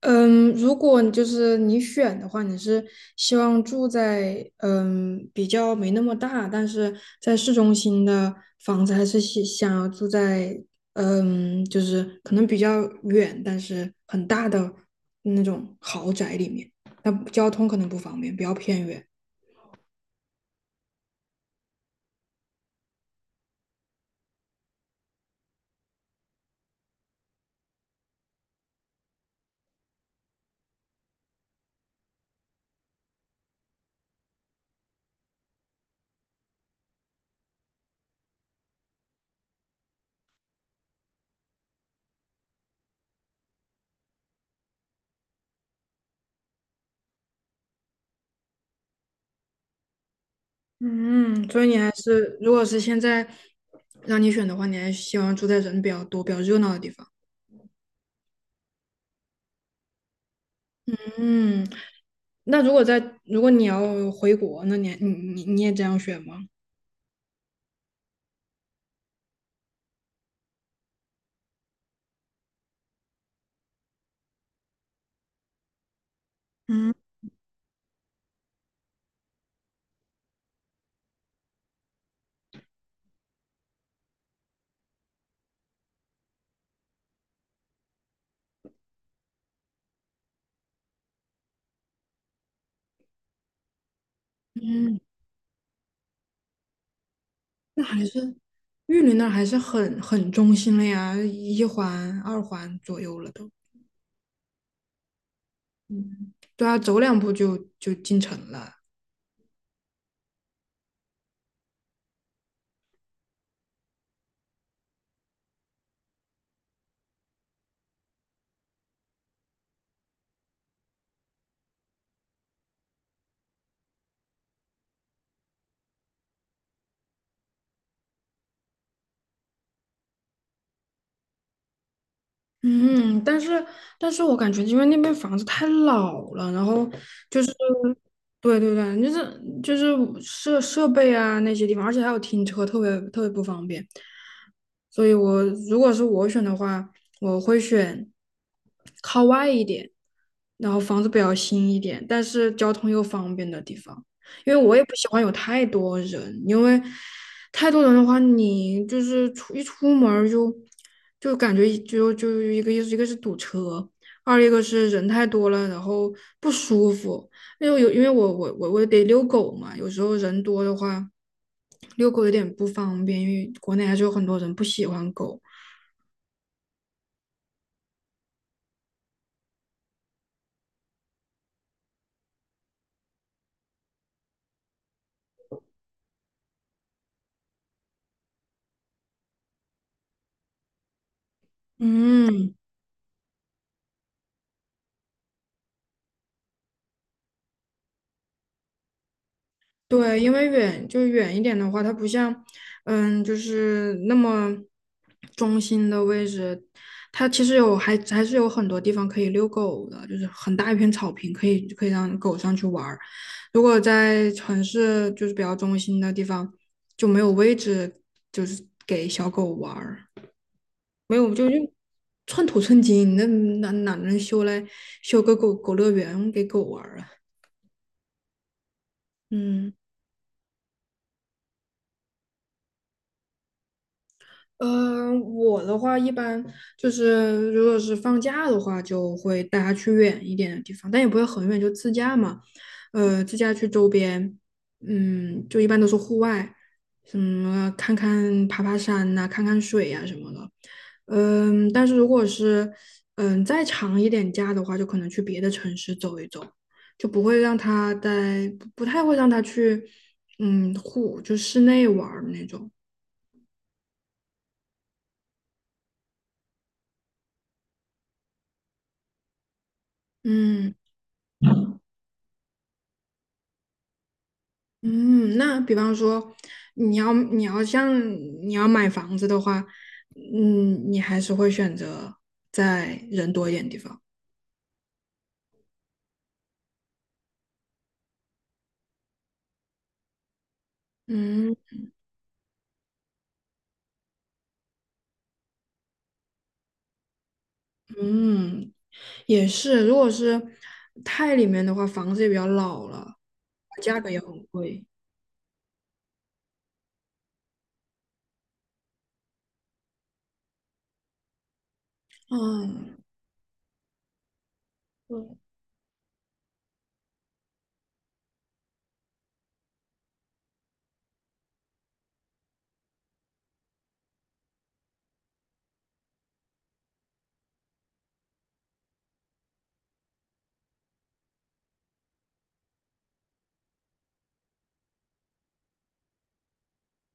嗯，如果就是你选的话，你是希望住在比较没那么大，但是在市中心的房子，还是想要住在就是可能比较远，但是很大的那种豪宅里面？那交通可能不方便，比较偏远。嗯，所以你还是，如果是现在让你选的话，你还是希望住在人比较多、比较热闹的地方。嗯。那如果你要回国，那你也这样选吗？嗯嗯。那还是玉林那儿还是很中心了呀，一环、二环左右了都。嗯对啊，走两步就进城了。嗯，但是但是我感觉，因为那边房子太老了。然后就是，对对对，就是设备啊那些地方，而且还有停车，特别特别不方便。所以如果是我选的话，我会选靠外一点，然后房子比较新一点，但是交通又方便的地方。因为我也不喜欢有太多人，因为太多人的话，你就是出一出门儿就感觉就一个意思，一个是堵车，二一个是人太多了，然后不舒服。因为我得遛狗嘛，有时候人多的话，遛狗有点不方便，因为国内还是有很多人不喜欢狗。嗯。对，因为就远一点的话，它不像就是那么中心的位置，它其实还是有很多地方可以遛狗的，就是很大一片草坪，可以让狗上去玩儿。如果在城市就是比较中心的地方，就没有位置，就是给小狗玩儿，没有就寸土寸金，那哪能修来修个狗狗乐园给狗玩儿啊？嗯。嗯，我的话一般就是，如果是放假的话，就会带他去远一点的地方，但也不会很远，就自驾嘛。自驾去周边，就一般都是户外，什么看看爬爬山呐、看看水呀、什么的。但是如果是再长一点假的话，就可能去别的城市走一走，就不会让他在，不太会让他去，就室内玩儿那种。嗯。嗯，那比方说，你要你要像你要买房子的话，你还是会选择在人多一点的地方。嗯嗯。也是，如果是太里面的话，房子也比较老了，价格也很贵。嗯，对，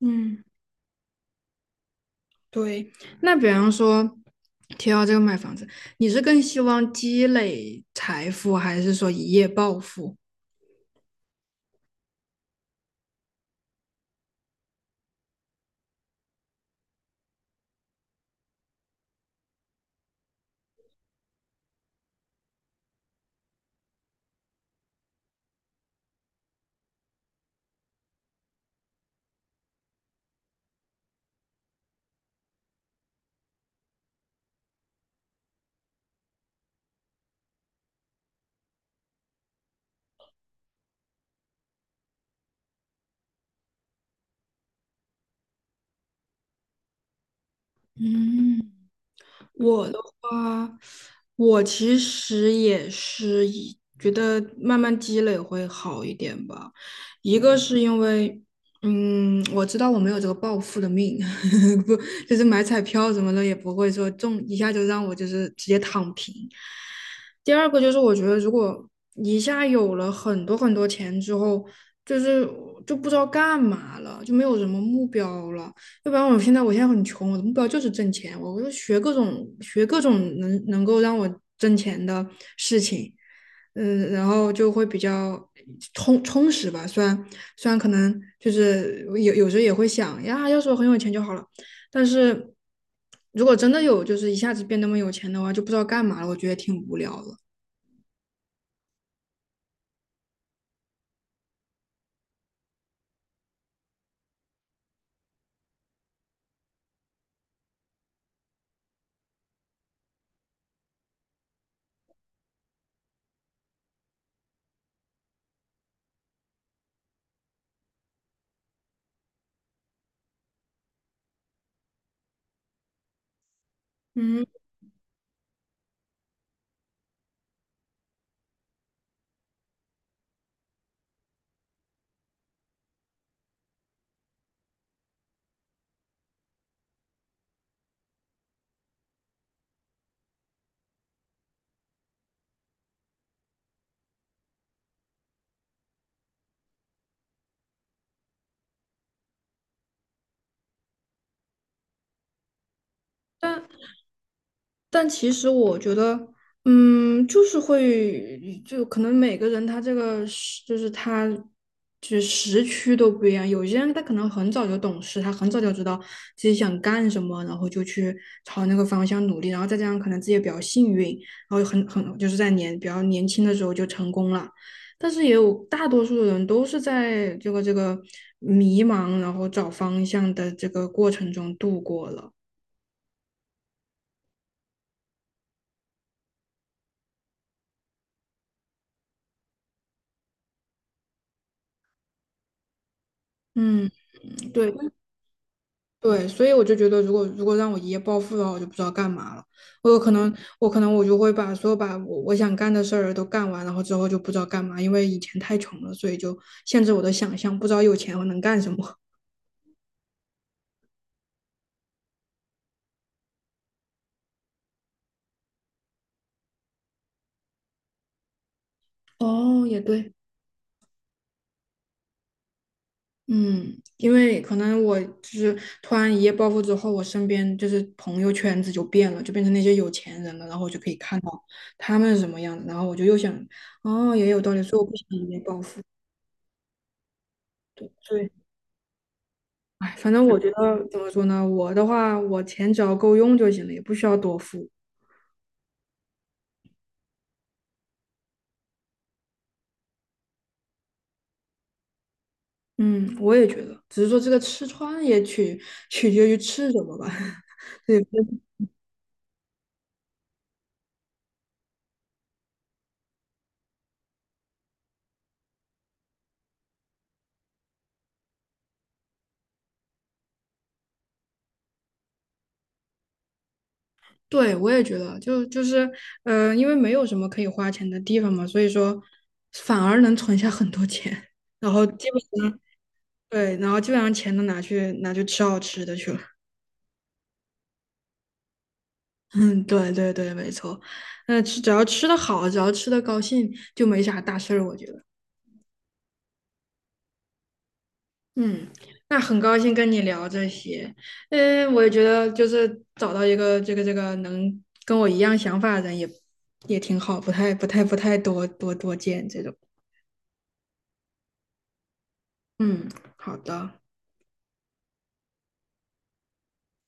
嗯，对。那比方说，提到这个买房子，你是更希望积累财富，还是说一夜暴富？嗯。我的话，我其实也是以觉得慢慢积累会好一点吧。一个是因为我知道我没有这个暴富的命。不，就是买彩票什么的也不会说中一下就让我就是直接躺平。第二个就是我觉得如果一下有了很多钱之后，就是不知道干嘛了，就没有什么目标了。要不然我现在很穷，我的目标就是挣钱，我就学各种能够让我挣钱的事情。然后就会比较充实吧。虽然可能就是有时候也会想呀，要是我很有钱就好了，但是如果真的有就是一下子变那么有钱的话，就不知道干嘛了，我觉得挺无聊的。嗯，但但其实我觉得就是会，就可能每个人他这个就是他，就是时区都不一样。有些人他可能很早就懂事，他很早就知道自己想干什么，然后就去朝那个方向努力。然后再加上可能自己也比较幸运，然后很就是在比较年轻的时候就成功了。但是也有大多数的人都是在这个迷茫，然后找方向的这个过程中度过了。嗯，对。对，所以我就觉得，如果让我一夜暴富的话，我就不知道干嘛了。我有可能，我可能我就会把把我想干的事儿都干完，然后之后就不知道干嘛，因为以前太穷了，所以就限制我的想象，不知道有钱我能干什么。哦，也对。嗯，因为可能我就是突然一夜暴富之后，我身边就是朋友圈子就变了，就变成那些有钱人了，然后我就可以看到他们是什么样的，然后我就又想，哦，也有道理，所以我不想一夜暴富。哎，反正我觉得怎么说呢，我的话，我钱只要够用就行了，也不需要多付。嗯，我也觉得，只是说这个吃穿也取决于吃什么吧。对，对，我也觉得，因为没有什么可以花钱的地方嘛，所以说反而能存下很多钱。然后基本上对，然后基本上钱都拿去吃好吃的去了。嗯，对对对，没错。那吃只要吃的好，只要吃的高兴，就没啥大事儿，我觉得。嗯，那很高兴跟你聊这些。我也觉得就是找到一个这个能跟我一样想法的人也挺好，不太多见这种。嗯，好的。